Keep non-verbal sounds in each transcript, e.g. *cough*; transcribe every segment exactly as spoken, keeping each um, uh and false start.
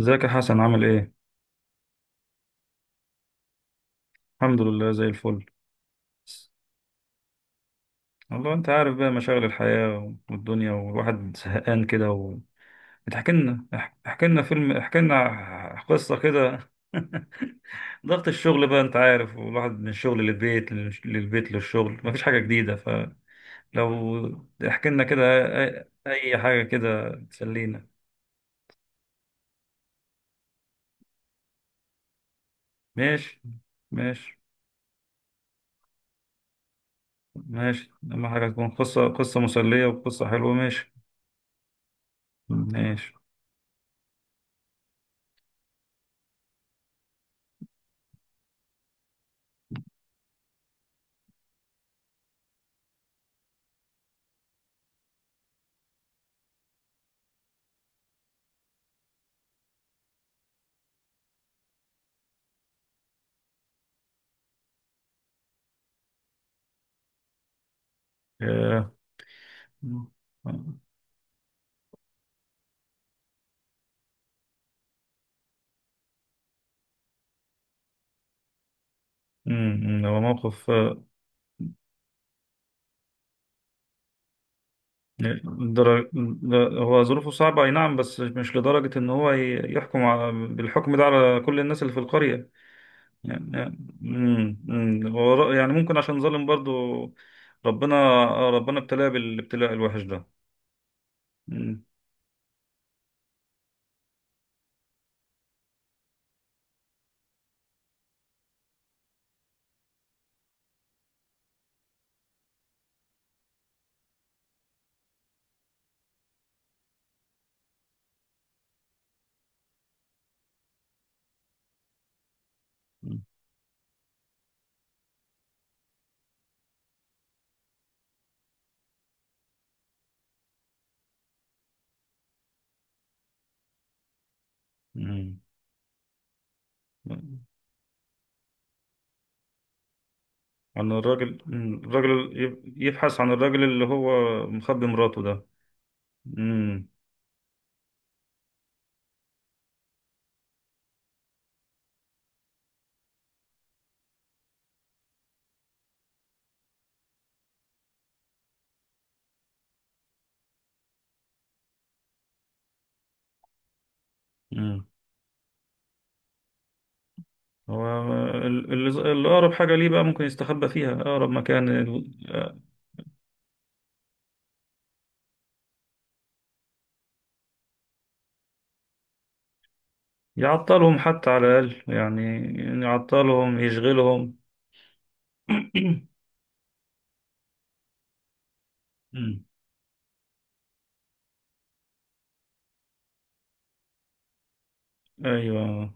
ازيك يا حسن؟ عامل ايه؟ الحمد لله، زي الفل. والله انت عارف بقى، مشاغل الحياة والدنيا، والواحد زهقان كده و... احكي لنا اح- احكي لنا فيلم، احكي لنا قصة كده. *laughs* ضغط الشغل بقى، انت عارف، والواحد من الشغل للبيت، للش- للبيت للشغل، مفيش حاجة جديدة، فلو احكي لنا كده اي أي حاجة كده تسلينا. ماشي، ماشي، ماشي، اهم حاجة تكون قصة قصة مسلية، وقصة حلوة. ماشي، ماشي. آه. امم. هو موقف، آه، درج... در- هو ظروفه صعبة، أي نعم، بس مش لدرجة إن هو ي- يحكم على... بالحكم ده على كل الناس اللي في القرية، يعني. امم، أمم. هو ر- يعني ممكن عشان ظالم برضو. ربنا آه، ربنا ابتلاه بالابتلاء الوحش ده. امم، أمم. عن الراجل. أمم. الراجل يب- يبحث عن الراجل اللي هو مخبي مراته ده. امم. هو ال- ال- الأقرب حاجة ليه بقى، ممكن يستخبى فيها، أقرب مكان ال- يعطلهم حتى على الأقل، يعني يعطلهم، يشغلهم. *coughs* أمم. أيوة.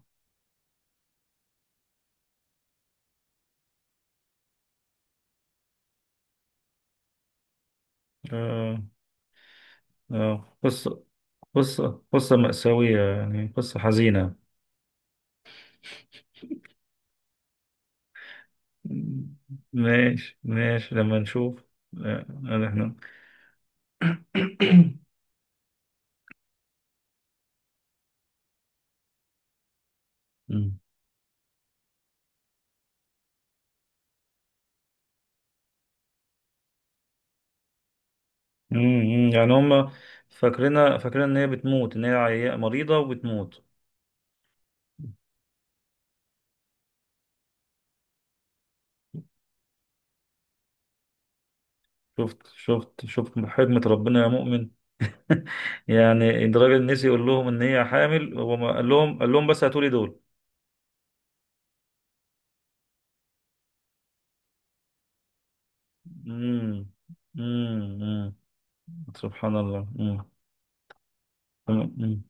آه. آه، قصة قصة قصة مأساوية، يعني قصة حزينة. ماشي، ماشي، لما نشوف. آه، إحنا. *coughs* مم. مم، يعني هم فاكرينها فاكرين إن هي بتموت، إن هي عيا- مريضة وبتموت. شفت، شفت، شفت حكمة ربنا يا مؤمن. *laughs* يعني الراجل نسي يقول لهم ان هي حامل، هو ما قال لهم قال لهم بس هاتولي دول. امم. امم. سبحان الله. امم.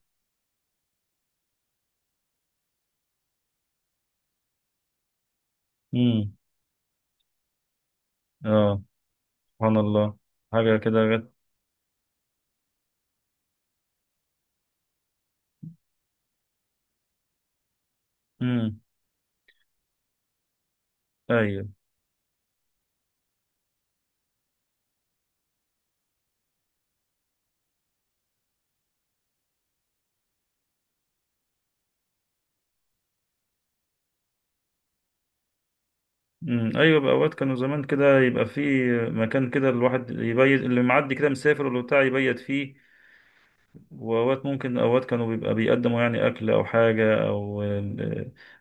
امم. اه. سبحان الله، حاجة كده غير. امم. ايوه. امم. ايوه بقى، اوقات كانوا زمان كده يبقى في مكان كده، الواحد يبيت، اللي معدي كده مسافر ولا بتاع يبيت فيه. وأوقات ممكن، أوقات كانوا بيبقى بيقدموا يعني أكل أو حاجة، أو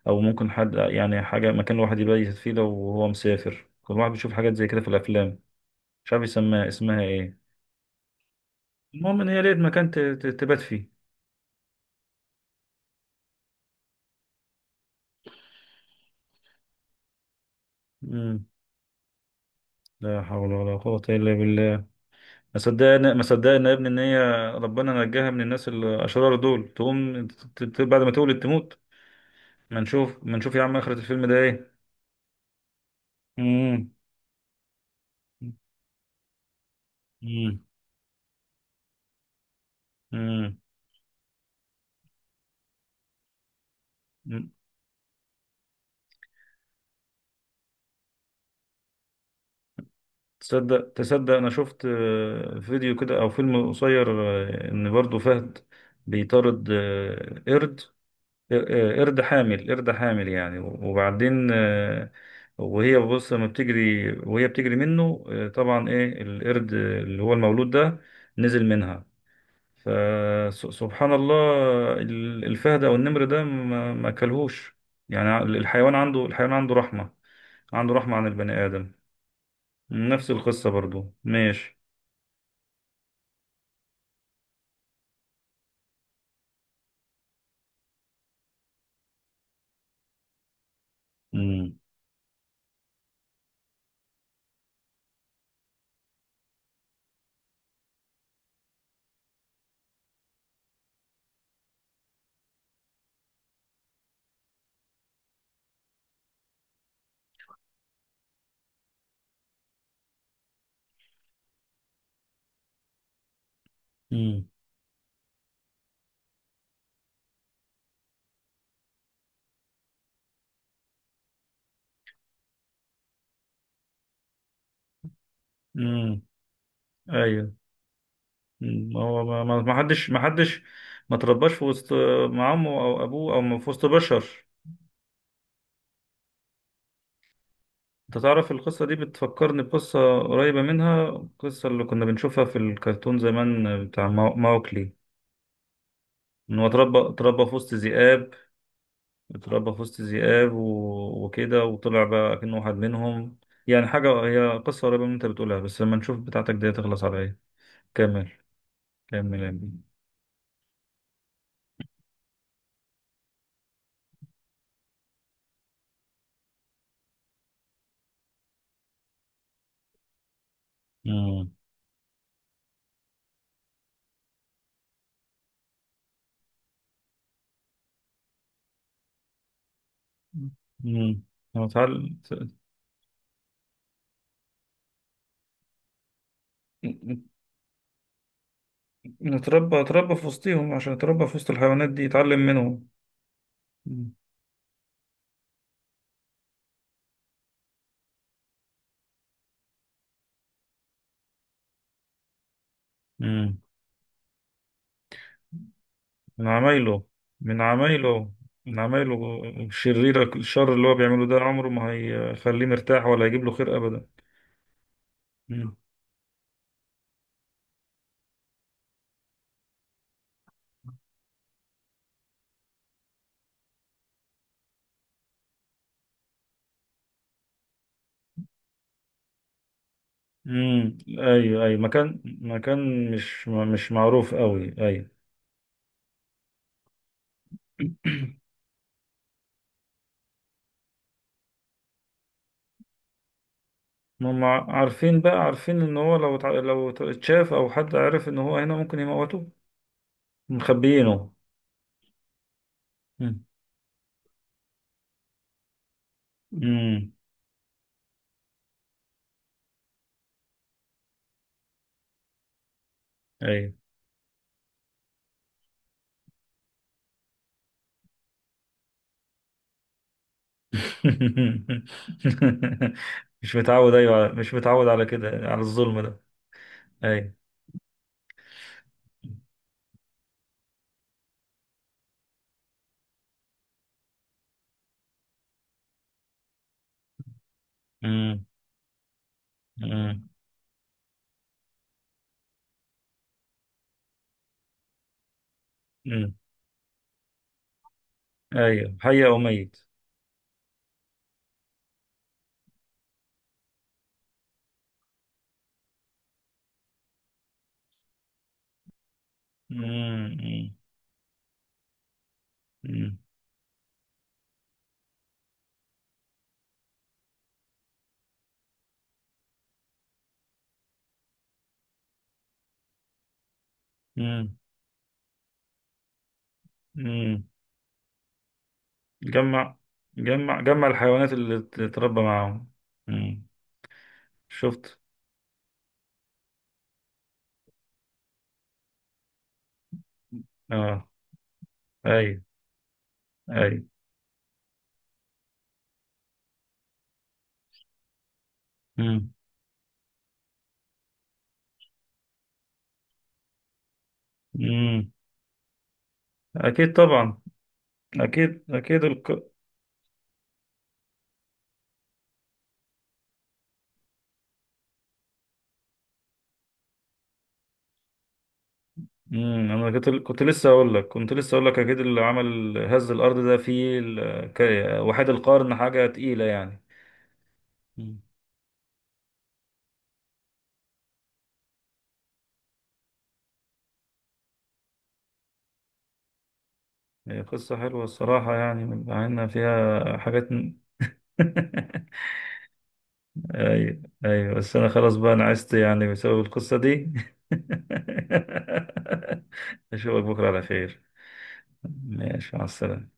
أو ممكن حد يعني حاجة، مكان الواحد يبيت فيه لو هو مسافر. كل واحد بيشوف حاجات زي كده في الأفلام. مش عارف يسميها، اسمها إيه. المهم إن هي لقيت مكان ت- ت- تبات فيه. مم. لا حول ولا قوة إلا بالله. ما صدقنا ما صدقنا يا ابني إن هي ربنا نجاها من الناس الأشرار دول، تقوم ت- ت- بعد ما تولد تموت. ما نشوف ما نشوف يا عم آخرة الفيلم ده إيه. مم. مم. مم. تصدق تصدق انا شفت آه، فيديو كده، او فيلم قصير، آه، ان برضو فهد بيطارد آه، قرد، آه، آه، قرد حامل قرد حامل يعني، وبعدين، آه، وهي بص لما بتجري وهي بتجري منه، آه، طبعا، ايه القرد اللي هو المولود ده نزل منها، فسبحان الله. ال- الفهد او النمر ده ما ما اكلهوش. يعني الحيوان عنده الحيوان عنده رحمة، عنده رحمة عن البني آدم. نفس القصة برضو. ماشي. امم، امم، امم. ايوه. مم. ما هو، ما ما ما حدش ما حدش ما ترباش في وسط، مع عمه او ابوه، او في وسط بشر. انت تعرف القصه دي بتفكرني بقصه قريبه منها، القصه اللي كنا بنشوفها في الكرتون زمان، بتاع ماو- ماوكلي. ان هو اتربى اتربى في وسط ذئاب، اتربى في وسط ذئاب و- وكده، وطلع بقى كأنه واحد منهم. يعني حاجه، هي قصه قريبه من اللي انت بتقولها، بس لما نشوف بتاعتك دي تخلص على ايه. كمل كمل يا بيه. مم. هو اتعلم. نتربى اتربى في وسطهم، عشان اتربى في وسط الحيوانات دي يتعلم منهم. مم. مم. من عمايله من عمايله من عمايله الشريرة، الشر اللي هو بيعمله ده عمره ما هيخليه مرتاح، ولا هيجيب له خير أبدا. مم. مم. أيوه، أيوه، مكان مكان مش مش معروف قوي، أيوه. *clears throat* هم عارفين بقى، عارفين إن هو لو اتع- لو اتشاف أو حد عرف إن هو هنا ممكن يموتوه. مخبيينه. امم، ايوه. *laughs* مش متعود ايوه على- مش متعود على كده، على الظلم ده. ايوه. امم، امم، امم، ايوه، حي او ميت. امم. امم، امم، امم. جمع جمع جمع الحيوانات اللي تتربى معاهم. امم. شفت. اه، ايوه، ايوه. امم، امم، اكيد طبعا. اكيد، اكيد. امم، انا كنت كنت لسه اقول لك كنت لسه اقول لك اكيد اللي عمل هز الارض ده فيه ال- ك- وحيد القرن، حاجه تقيله، يعني. مم. هي قصه حلوه الصراحه، يعني من- مع ان فيها حاجات م- *laughs* ايوه، ايوه، بس انا خلاص بقى، انا عشت يعني بسبب القصه دي. *laughs* اشوفك بكره على خير. ماشي، مع السلامه.